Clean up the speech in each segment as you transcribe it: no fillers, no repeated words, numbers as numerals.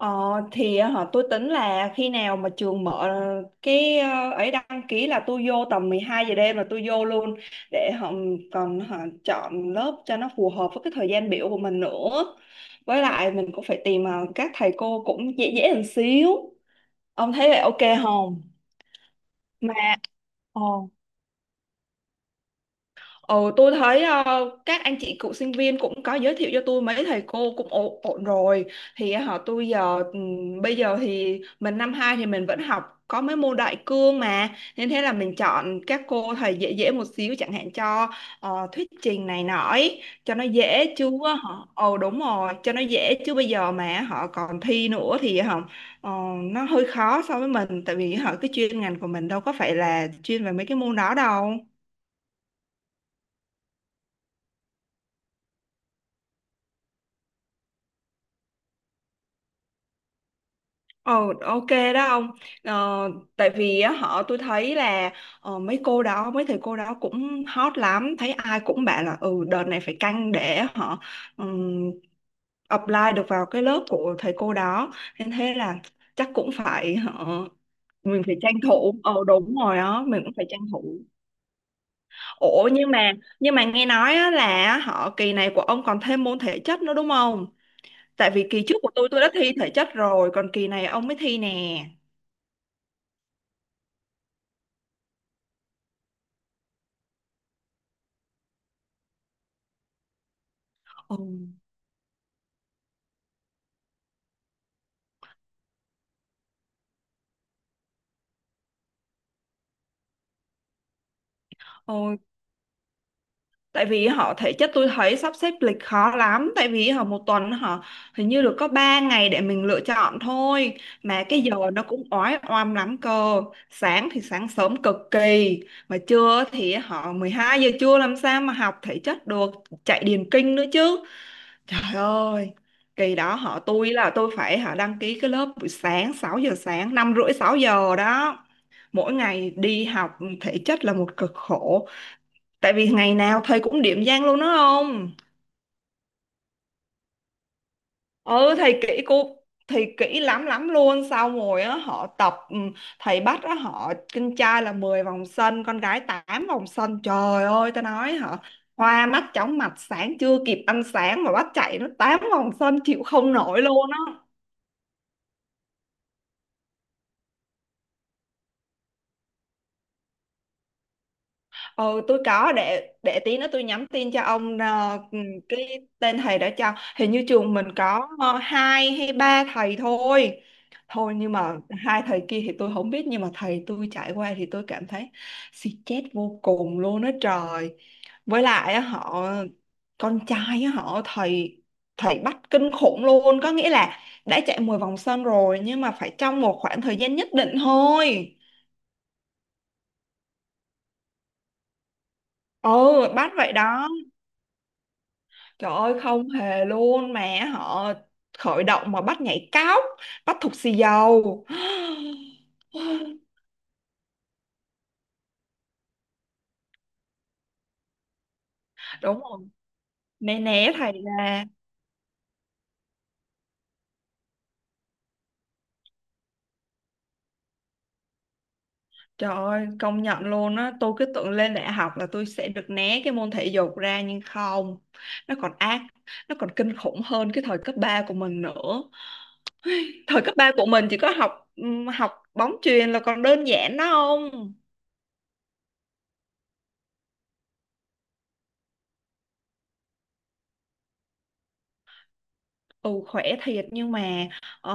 Ờ, thì tôi tính là khi nào mà trường mở cái ấy đăng ký là tôi vô tầm 12 giờ đêm là tôi vô luôn để họ còn chọn lớp cho nó phù hợp với cái thời gian biểu của mình nữa. Với lại mình cũng phải tìm các thầy cô cũng dễ dễ một xíu. Ông thấy vậy ok không? Mà ờ, Ừ, tôi thấy các anh chị cựu sinh viên cũng có giới thiệu cho tôi mấy thầy cô cũng ổn, ổn rồi thì tôi giờ bây giờ thì mình năm 2 thì mình vẫn học có mấy môn đại cương mà nên thế là mình chọn các cô thầy dễ dễ một xíu chẳng hạn cho thuyết trình này nọ ấy, cho nó dễ chứ. Ồ đúng rồi, cho nó dễ chứ bây giờ mà họ còn thi nữa thì họ ờ, nó hơi khó so với mình tại vì cái chuyên ngành của mình đâu có phải là chuyên về mấy cái môn đó đâu. Ồ, ok đó ông. Ờ, Tại vì á, họ tôi thấy là mấy cô đó mấy thầy cô đó cũng hot lắm, thấy ai cũng bảo là ừ đợt này phải canh để họ ừm, apply được vào cái lớp của thầy cô đó nên thế là chắc cũng phải mình phải tranh thủ. Ờ đúng rồi đó, mình cũng phải tranh thủ. Ủa nhưng mà nghe nói á, là kỳ này của ông còn thêm môn thể chất nữa đúng không? Tại vì kỳ trước của tôi đã thi thể chất rồi, còn kỳ này ông mới thi nè. Ừ. Ờ, tại vì thể chất tôi thấy sắp xếp lịch khó lắm, tại vì một tuần họ hình như được có 3 ngày để mình lựa chọn thôi, mà cái giờ nó cũng oái oăm lắm cơ. Sáng thì sáng sớm cực kỳ, mà trưa thì 12 giờ trưa làm sao mà học thể chất được, chạy điền kinh nữa chứ. Trời ơi, kỳ đó họ tôi là tôi phải họ đăng ký cái lớp buổi sáng 6 giờ sáng, 5 rưỡi 6 giờ đó. Mỗi ngày đi học thể chất là một cực khổ, tại vì ngày nào thầy cũng điểm danh luôn đó không. Ừ, thầy kỹ lắm lắm luôn, xong rồi á tập, thầy bắt á họ con trai là 10 vòng sân, con gái 8 vòng sân, trời ơi tao nói hả. Hoa mắt chóng mặt, sáng chưa kịp ăn sáng mà bắt chạy nó 8 vòng sân chịu không nổi luôn á. Ừ tôi có, để tí nữa tôi nhắn tin cho ông cái tên thầy. Đã cho hình như trường mình có hai hay ba thầy thôi. Thôi nhưng mà hai thầy kia thì tôi không biết, nhưng mà thầy tôi trải qua thì tôi cảm thấy stress vô cùng luôn á trời. Với lại á, con trai á, họ thầy thầy bắt kinh khủng luôn, có nghĩa là đã chạy 10 vòng sân rồi nhưng mà phải trong một khoảng thời gian nhất định thôi. Ừ, bắt vậy đó. Trời ơi không hề luôn mà, họ khởi động mà bắt nhảy cóc, bắt thục xì dầu đúng rồi, né né thầy ra. Trời ơi, công nhận luôn á, tôi cứ tưởng lên đại học là tôi sẽ được né cái môn thể dục ra nhưng không, nó còn ác, nó còn kinh khủng hơn cái thời cấp 3 của mình nữa. Thời cấp 3 của mình chỉ có học học bóng chuyền là còn đơn giản đó không? Ừ khỏe thiệt, nhưng mà ờ,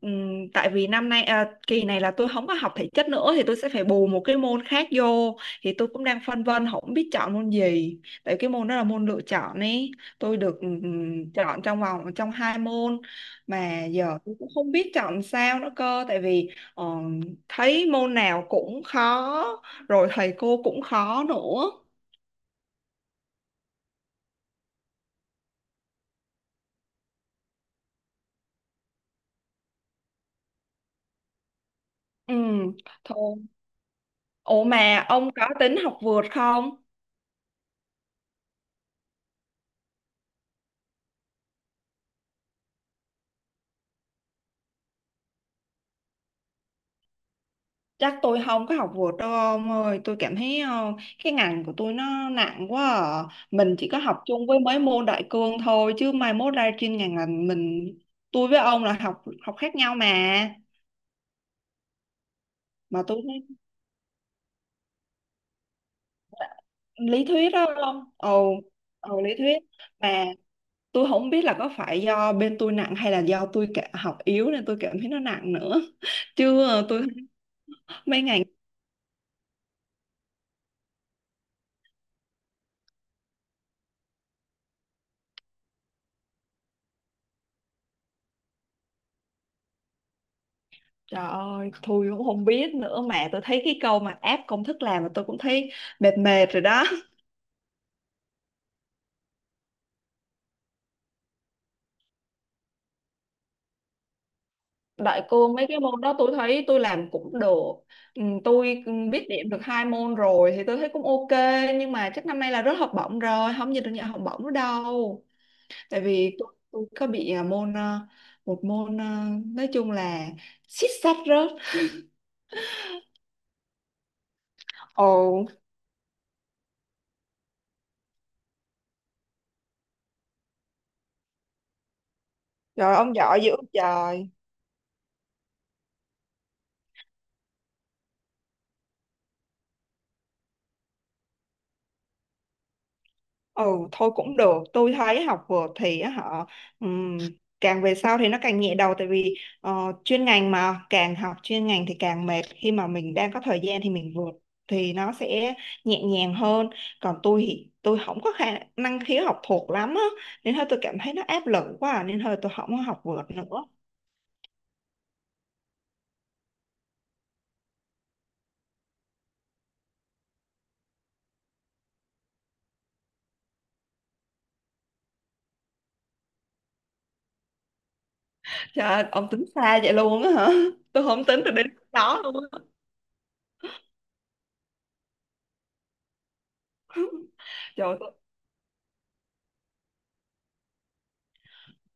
tại vì năm nay à, kỳ này là tôi không có học thể chất nữa thì tôi sẽ phải bù một cái môn khác vô, thì tôi cũng đang phân vân không biết chọn môn gì. Tại cái môn đó là môn lựa chọn ấy, tôi được chọn trong hai môn mà giờ tôi cũng không biết chọn sao nữa cơ, tại vì thấy môn nào cũng khó, rồi thầy cô cũng khó nữa. Ừ thôi. Ủa mà ông có tính học vượt không? Chắc tôi không có học vượt đâu ông ơi. Tôi cảm thấy cái ngành của tôi nó nặng quá à. Mình chỉ có học chung với mấy môn đại cương thôi, chứ mai mốt ra chuyên ngành là mình. Tôi với ông là học học khác nhau mà. Mà tôi thấy lý thuyết đó ông. Ồ lý thuyết. Mà tôi không biết là có phải do bên tôi nặng hay là do tôi học yếu nên tôi cảm thấy nó nặng nữa Chứ ờ, tôi mấy ngành. Trời ơi, tôi cũng không biết nữa, mà tôi thấy cái câu mà áp công thức làm mà tôi cũng thấy mệt mệt rồi đó. Đại cương mấy cái môn đó tôi thấy tôi làm cũng được. Tôi biết điểm được hai môn rồi thì tôi thấy cũng ok, nhưng mà chắc năm nay là rớt học bổng rồi, không nhận học bổng nữa đâu. Tại vì tôi có bị môn một môn nói chung là xít xách rớt. Ồ, trời ông giỏi dữ ông trời. Ừ thôi cũng được, tôi thấy học vượt thì á họ ừm, càng về sau thì nó càng nhẹ đầu, tại vì chuyên ngành mà càng học chuyên ngành thì càng mệt, khi mà mình đang có thời gian thì mình vượt thì nó sẽ nhẹ nhàng hơn. Còn tôi thì tôi không có năng khiếu học thuộc lắm á, nên thôi tôi cảm thấy nó áp lực quá à, nên thôi tôi không có học vượt nữa. Trời ơi, ông tính xa vậy luôn á hả? Tôi không tính được đến đó luôn á. Trời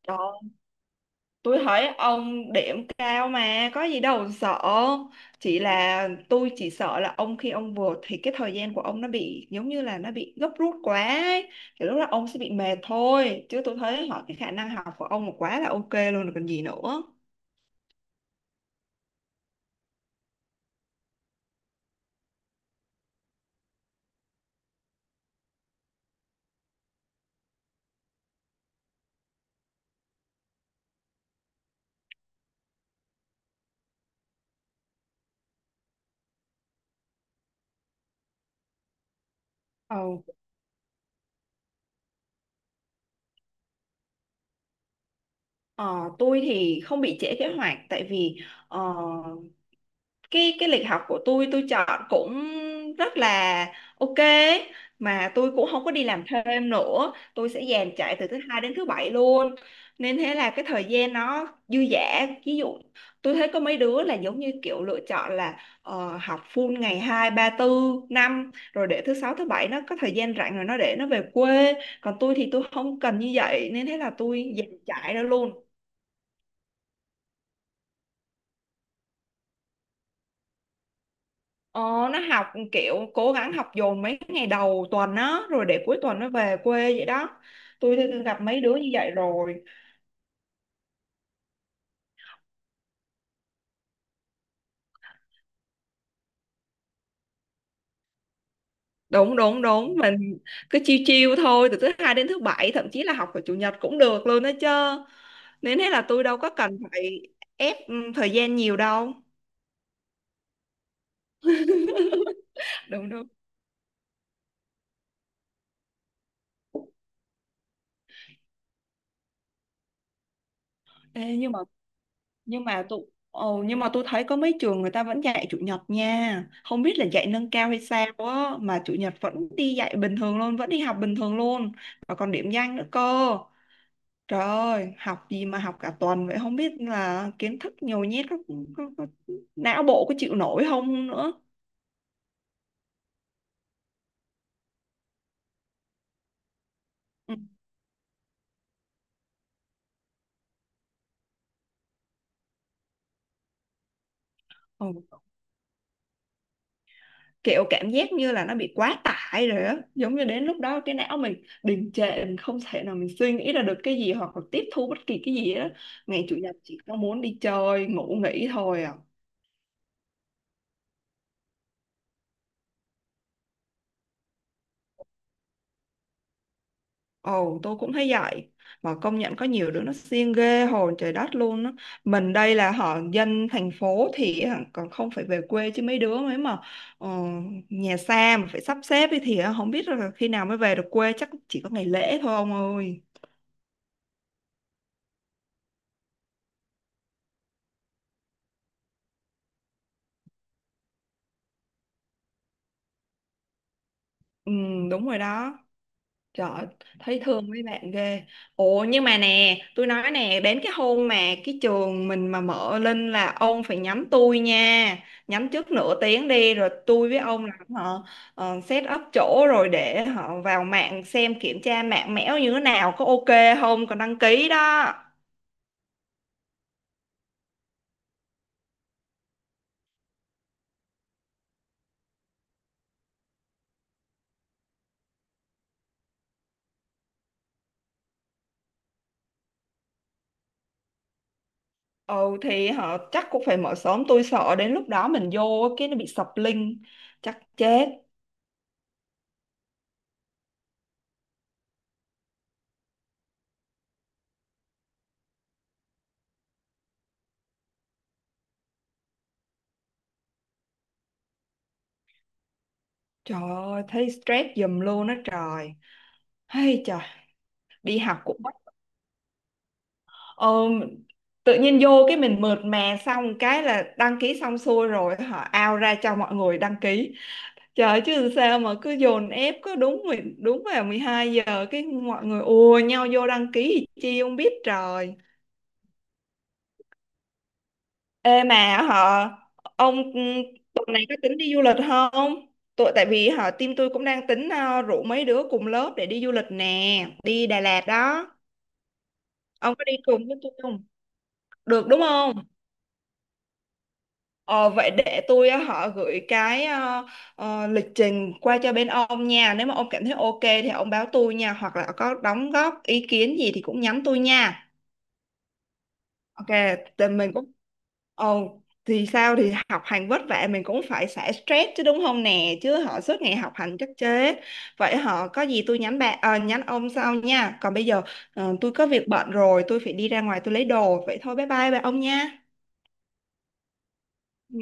ơi, tôi thấy ông điểm cao mà có gì đâu sợ, chỉ là chỉ sợ là khi ông vượt thì cái thời gian của ông nó bị giống như là nó bị gấp rút quá ấy, thì lúc đó ông sẽ bị mệt thôi, chứ tôi thấy cái khả năng học của ông là quá là ok luôn rồi còn gì nữa. Ờ, ờ, tôi thì không bị trễ kế hoạch, tại vì ờ, cái cái lịch học của tôi chọn cũng rất là ok, mà tôi cũng không có đi làm thêm nữa, tôi sẽ dàn trải từ thứ hai đến thứ bảy luôn nên thế là cái thời gian nó dư dả. Ví dụ tôi thấy có mấy đứa là giống như kiểu lựa chọn là học full ngày hai ba tư năm, rồi để thứ sáu thứ bảy nó có thời gian rảnh rồi nó để nó về quê, còn tôi thì tôi không cần như vậy nên thế là tôi dàn trải ra luôn. Ờ, nó học kiểu cố gắng học dồn mấy ngày đầu tuần á rồi để cuối tuần nó về quê vậy đó. Tôi gặp mấy đứa như vậy rồi. Đúng đúng đúng, mình cứ chiêu chiêu thôi từ thứ hai đến thứ bảy, thậm chí là học vào chủ nhật cũng được luôn đó chứ, nên thế là tôi đâu có cần phải ép thời gian nhiều đâu. Đúng đúng. Ê, nhưng mà tôi ồ nhưng mà tôi thấy có mấy trường người ta vẫn dạy chủ nhật nha, không biết là dạy nâng cao hay sao á mà chủ nhật vẫn đi dạy bình thường luôn, vẫn đi học bình thường luôn, và còn điểm danh nữa cơ. Trời ơi học gì mà học cả tuần vậy, không biết là kiến thức nhồi nhét có não bộ có chịu nổi không nữa. Ừ. Ừ. Kiểu cảm giác như là nó bị quá tải rồi á, giống như đến lúc đó cái não mình đình trệ, mình không thể nào mình suy nghĩ ra được cái gì hoặc là tiếp thu bất kỳ cái gì đó. Ngày chủ nhật chỉ có muốn đi chơi ngủ nghỉ thôi à. Ồ tôi cũng thấy vậy, mà công nhận có nhiều đứa nó siêng ghê hồn trời đất luôn á. Mình đây là dân thành phố thì hả, còn không phải về quê, chứ mấy đứa mà ờ, nhà xa mà phải sắp xếp ấy thì hả, không biết là khi nào mới về được quê, chắc chỉ có ngày lễ thôi ông ơi. Ừ đúng rồi đó. Trời ơi, thấy thương mấy bạn ghê. Ồ nhưng mà nè, tôi nói nè, đến cái hôm mà cái trường mình mà mở lên là ông phải nhắm tôi nha. Nhắm trước nửa tiếng đi rồi tôi với ông làm set up chỗ rồi để vào mạng xem kiểm tra mạng mẽo như thế nào, có ok không, còn đăng ký đó. Ừ thì chắc cũng phải mở sớm, tôi sợ đến lúc đó mình vô cái nó bị sập link chắc chết. Trời ơi, thấy stress giùm luôn á trời. Hay trời, đi học cũng. Ờ, tự nhiên vô cái mình mượt mà, xong cái là đăng ký xong xuôi rồi ao ra cho mọi người đăng ký, trời ơi, chứ sao mà cứ dồn ép cứ đúng vào 12 giờ cái mọi người ùa nhau vô đăng ký thì chi không biết trời. Ê mà họ ông ừ, tuần này có tính đi du lịch không? Tại vì team tôi cũng đang tính rủ mấy đứa cùng lớp để đi du lịch nè, đi Đà Lạt đó. Ông có đi cùng với tôi không? Được đúng không? Ờ, vậy để tôi á, họ gửi cái lịch trình qua cho bên ông nha. Nếu mà ông cảm thấy ok thì ông báo tôi nha. Hoặc là có đóng góp ý kiến gì thì cũng nhắn tôi nha. Ok, thì mình cũng... Ồ, thì sao thì học hành vất vả mình cũng phải xả stress chứ đúng không nè. Chứ suốt ngày học hành chắc chế. Vậy có gì tôi nhắn ông sau nha. Còn bây giờ tôi có việc bận rồi, tôi phải đi ra ngoài tôi lấy đồ. Vậy thôi bye bye ông nha. Ừ.